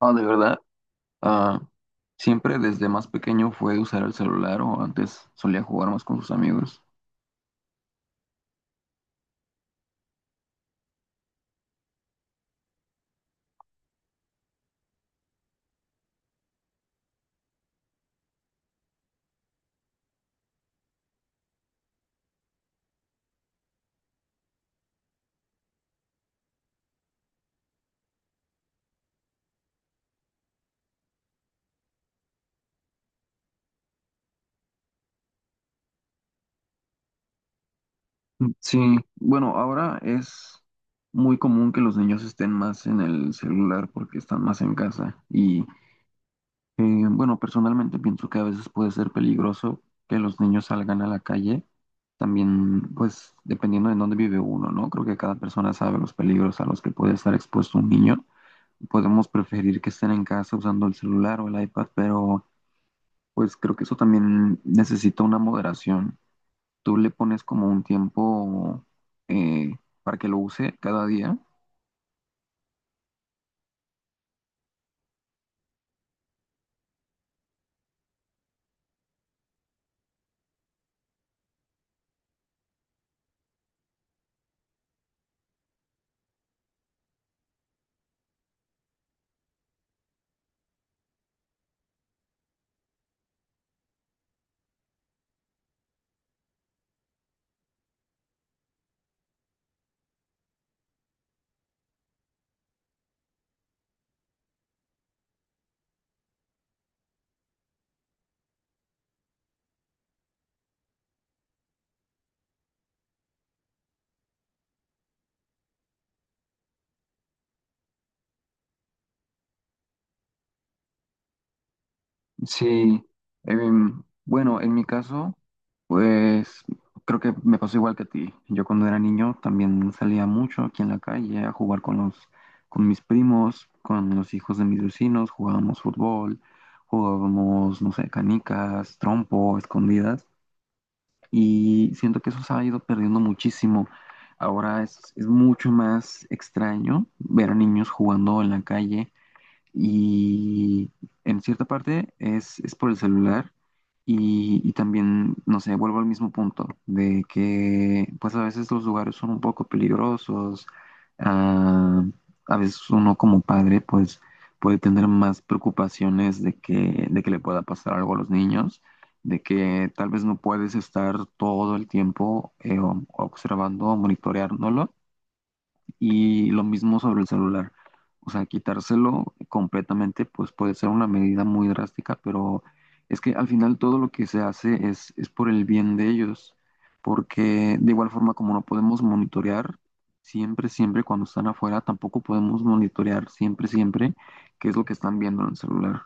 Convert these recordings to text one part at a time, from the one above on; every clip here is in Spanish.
Ah, de verdad. Ah, siempre desde más pequeño fue usar el celular o antes solía jugar más con sus amigos. Mm, sí, bueno, ahora es muy común que los niños estén más en el celular porque están más en casa. Y eh, bueno, personalmente pienso que a veces puede ser peligroso que los niños salgan a la calle. También, pues, dependiendo de dónde vive uno, ¿no? Creo que cada persona sabe los peligros a los que puede estar expuesto un niño. Podemos preferir que estén en casa usando el celular o el iPad, pero pues creo que eso también necesita una moderación. Tú le pones como un tiempo eh, para que lo use cada día. Sí, bueno, en mi caso, pues creo que me pasó igual que a ti. Yo cuando era niño también salía mucho aquí en la calle a jugar con mis primos, con los hijos de mis vecinos, jugábamos fútbol, jugábamos, no sé, canicas, trompo, escondidas. Y siento que eso se ha ido perdiendo muchísimo. Ahora es mucho más extraño ver a niños jugando en la calle y en cierta parte es por el celular y también, no sé, vuelvo al mismo punto de que pues a veces los lugares son un poco peligrosos. ah, a veces uno como padre pues puede tener más preocupaciones de que le pueda pasar algo a los niños, de que tal vez no puedes estar todo el tiempo observando o monitoreándolo, y lo mismo sobre el celular. O sea, quitárselo completamente pues puede ser una medida muy drástica, pero es que al final todo lo que se hace es por el bien de ellos, porque de igual forma como no podemos monitorear siempre, siempre cuando están afuera, tampoco podemos monitorear siempre, siempre qué es lo que están viendo en el celular.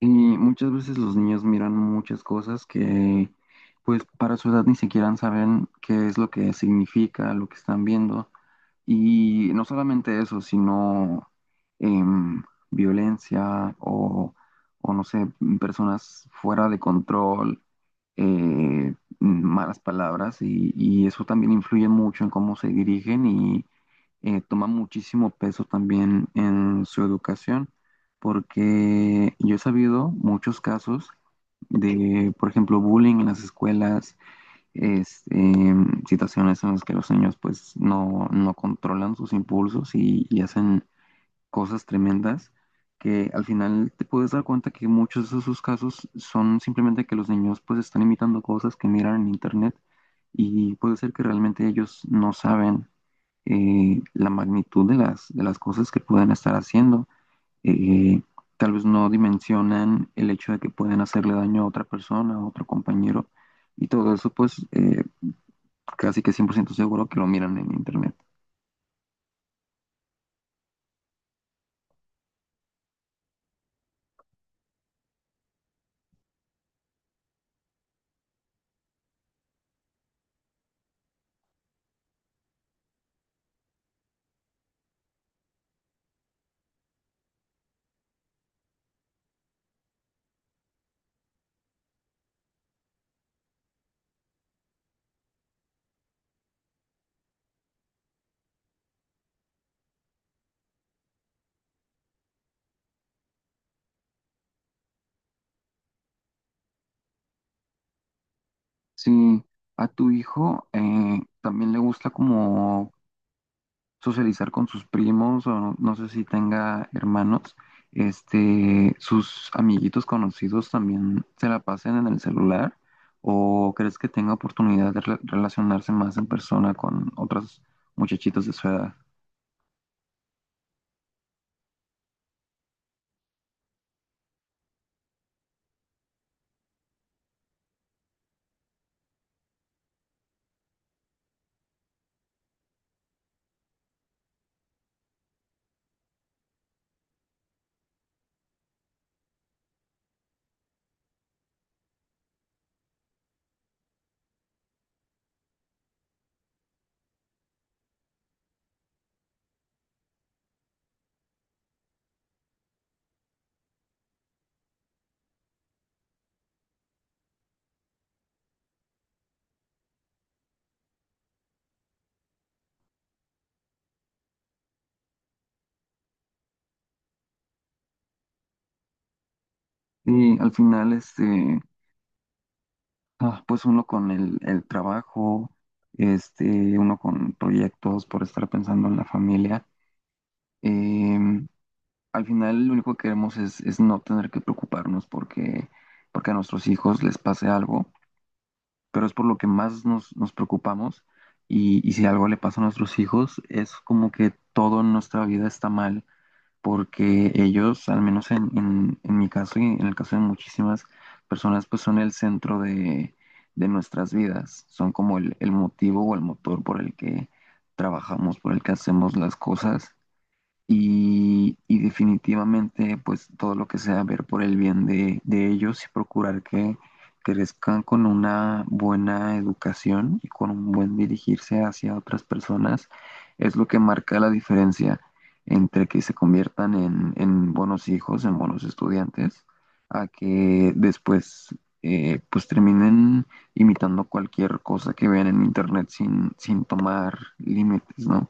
Y muchas veces los niños miran muchas cosas que pues para su edad ni siquiera saben qué es lo que significa lo que están viendo. Y no solamente eso, sino em, violencia o, no sé, personas fuera de control, eh, malas palabras, y eso también influye mucho en cómo se dirigen y toma muchísimo peso también en su educación, porque yo he sabido muchos casos de, por ejemplo, bullying en las escuelas. este, Situaciones en las que los niños pues no controlan sus impulsos y hacen cosas tremendas que al final te puedes dar cuenta que muchos de esos casos son simplemente que los niños pues están imitando cosas que miran en internet, y puede ser que realmente ellos no saben la magnitud de de las cosas que pueden estar haciendo. Eh, Tal vez no dimensionan el hecho de que pueden hacerle daño a otra persona, a otro compañero, y todo eso pues casi que 100% seguro que lo miran en internet. Si a tu hijo también le gusta como socializar con sus primos o no, no sé si tenga hermanos, sus amiguitos conocidos también se la pasen en el celular, o crees que tenga oportunidad de relacionarse más en persona con otros muchachitos de su edad? Y al final, pues uno con el trabajo, uno con proyectos, por estar pensando en la familia. Em, Al final lo único que queremos es no tener que preocuparnos porque a nuestros hijos les pase algo, pero es por lo que más nos preocupamos, y si algo le pasa a nuestros hijos es como que todo en nuestra vida está mal porque ellos, al menos en mi caso y en el caso de muchísimas personas, pues son el centro de nuestras vidas, son como el motivo o el motor por el que trabajamos, por el que hacemos las cosas, y definitivamente pues todo lo que sea ver por el bien de ellos y procurar que crezcan con una buena educación y con un buen dirigirse hacia otras personas es lo que marca la diferencia entre que se conviertan en buenos hijos, en buenos estudiantes, a que después pues terminen imitando cualquier cosa que vean en internet sin tomar límites, ¿no?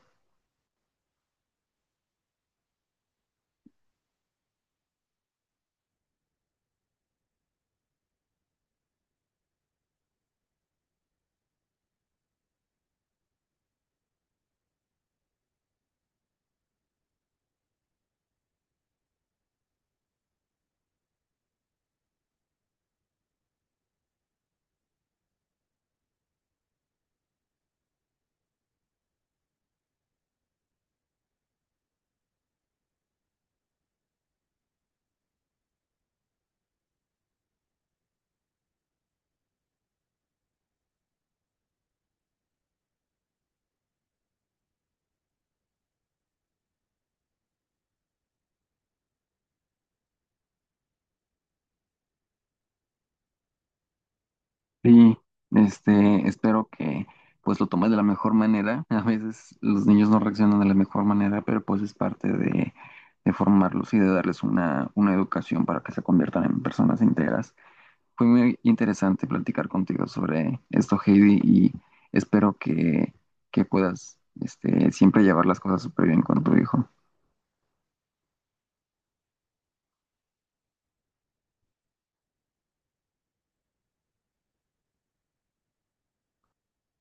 Sí, espero que pues lo tomes de la mejor manera. A veces los niños no reaccionan de la mejor manera, pero pues es parte de formarlos y de darles una educación para que se conviertan en personas íntegras. Fue muy interesante platicar contigo sobre esto, Heidi, y espero que puedas este, siempre llevar las cosas súper bien con tu hijo.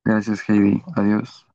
Gracias, Heidi. Adiós.